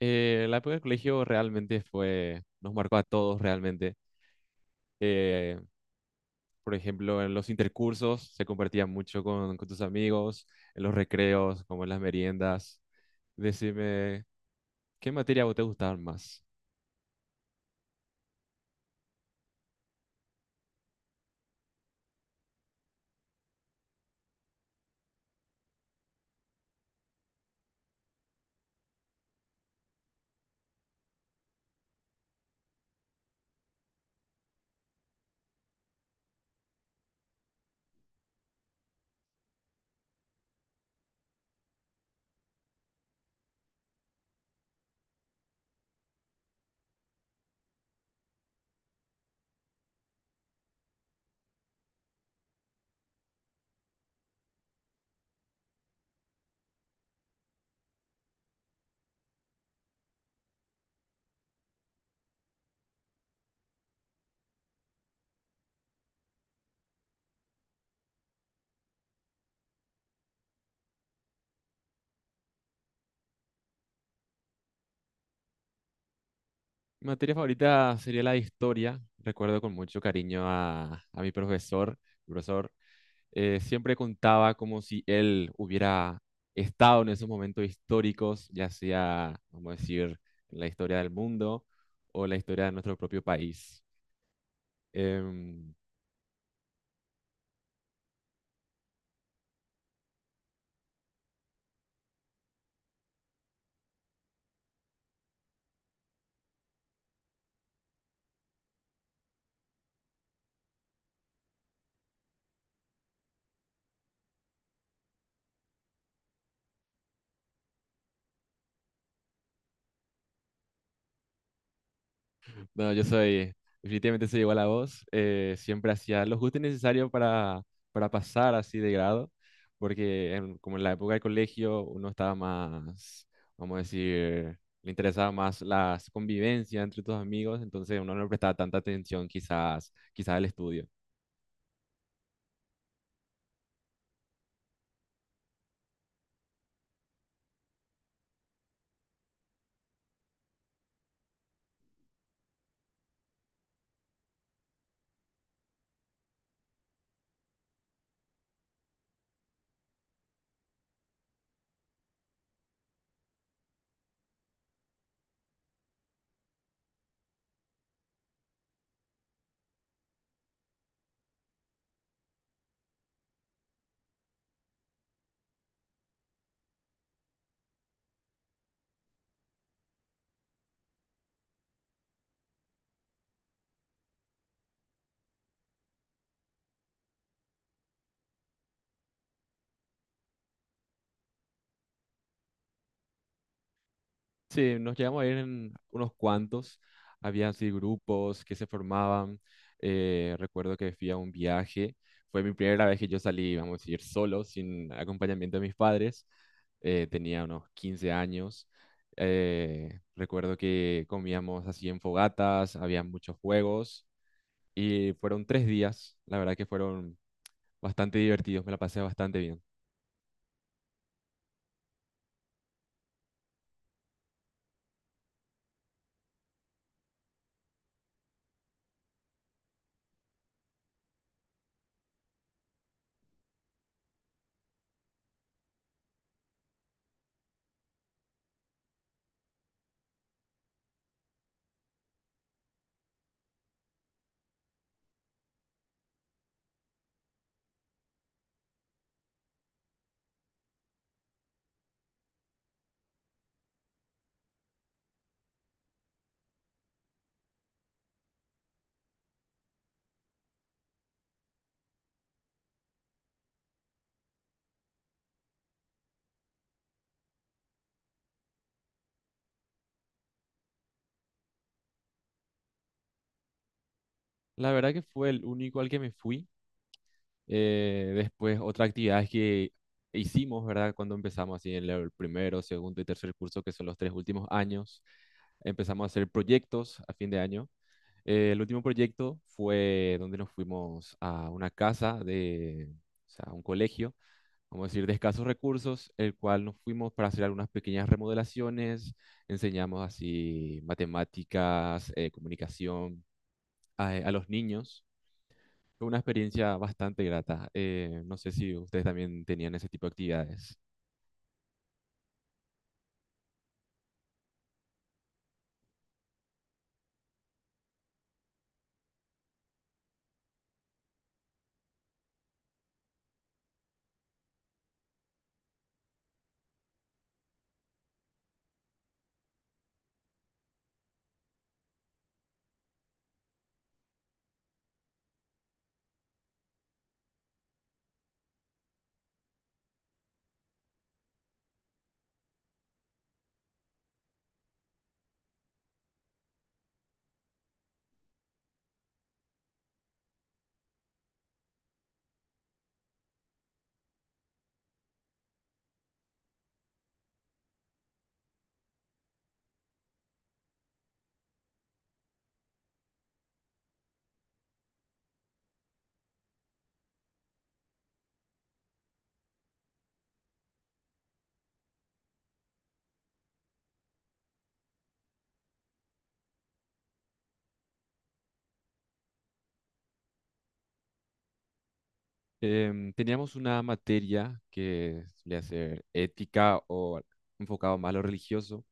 La época del colegio realmente fue, nos marcó a todos realmente. Eh, por ejemplo, en los intercursos se compartía mucho con tus amigos, en los recreos, como en las meriendas. Decime, ¿qué materia a vos te gustaba más? Mi materia favorita sería la de historia. Recuerdo con mucho cariño a mi profesor, profesor, siempre contaba como si él hubiera estado en esos momentos históricos, ya sea, vamos a decir, en la historia del mundo o la historia de nuestro propio país. Em, No, definitivamente soy igual a vos. Siempre hacía lo justo y necesario para pasar así de grado, porque como en la época del colegio uno estaba más, vamos a decir, le interesaba más la convivencia entre tus amigos, entonces uno no le prestaba tanta atención quizás al estudio. Sí, nos llegamos a ir en unos cuantos. Había así grupos que se formaban. Recuerdo que fui a un viaje. Fue mi primera vez que yo salí, vamos a decir, solo, sin acompañamiento de mis padres. Tenía unos 15 años. Recuerdo que comíamos así en fogatas, había muchos juegos y fueron 3 días. La verdad que fueron bastante divertidos, me la pasé bastante bien. La verdad que fue el único al que me fui. Después, otras actividades que hicimos, ¿verdad? Cuando empezamos así en el primero, segundo y tercer curso, que son los 3 últimos años, empezamos a hacer proyectos a fin de año. El último proyecto fue donde nos fuimos a una casa de, o sea, a un colegio, vamos a decir, de escasos recursos, el cual nos fuimos para hacer algunas pequeñas remodelaciones, enseñamos así matemáticas, comunicación a los niños. Fue una experiencia bastante grata. No sé si ustedes también tenían ese tipo de actividades. Teníamos una materia que solía ser ética o enfocado más a lo religioso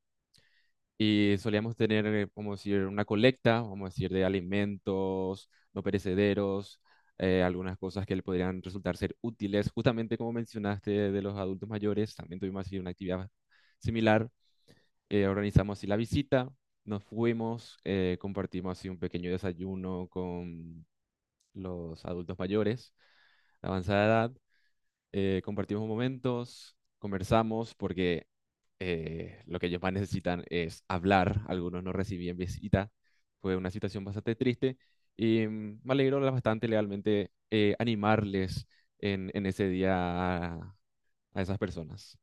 y solíamos tener, vamos a decir, una colecta, vamos a decir, de alimentos no perecederos, algunas cosas que le podrían resultar ser útiles. Justamente como mencionaste de los adultos mayores, también tuvimos así una actividad similar. Organizamos así la visita, nos fuimos, compartimos así un pequeño desayuno con los adultos mayores de avanzada edad, compartimos momentos, conversamos porque lo que ellos más necesitan es hablar, algunos no recibían visita, fue una situación bastante triste y me alegró bastante legalmente animarles en ese día a, a esas personas.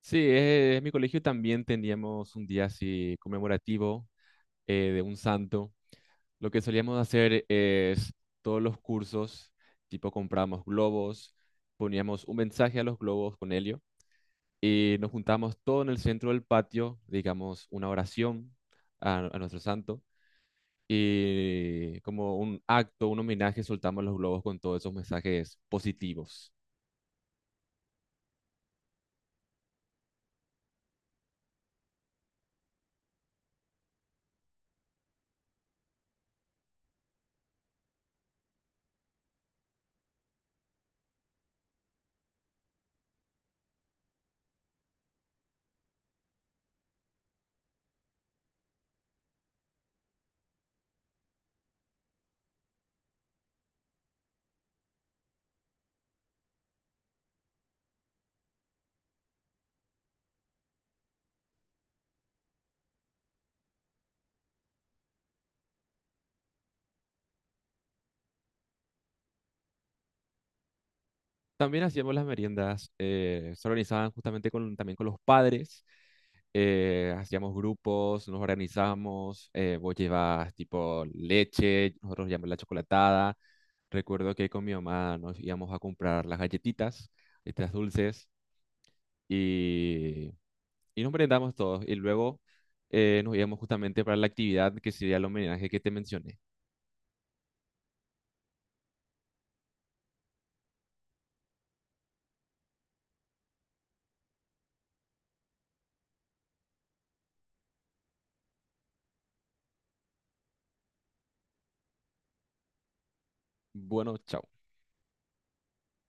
Sí, en mi colegio también teníamos un día así conmemorativo, de un santo, lo que solíamos hacer es todos los cursos, tipo compramos globos, poníamos un mensaje a los globos con helio y nos juntamos todo en el centro del patio, digamos una oración a nuestro santo y como un acto, un homenaje, soltamos los globos con todos esos mensajes positivos. También hacíamos las meriendas, se organizaban justamente también con los padres, hacíamos grupos, nos organizamos, vos llevas tipo leche, nosotros llevamos la chocolatada. Recuerdo que con mi mamá nos íbamos a comprar las galletitas, estas dulces, y, y nos merendamos todos. Y luego nos íbamos justamente para la actividad que sería el homenaje que te mencioné. Bueno, chao.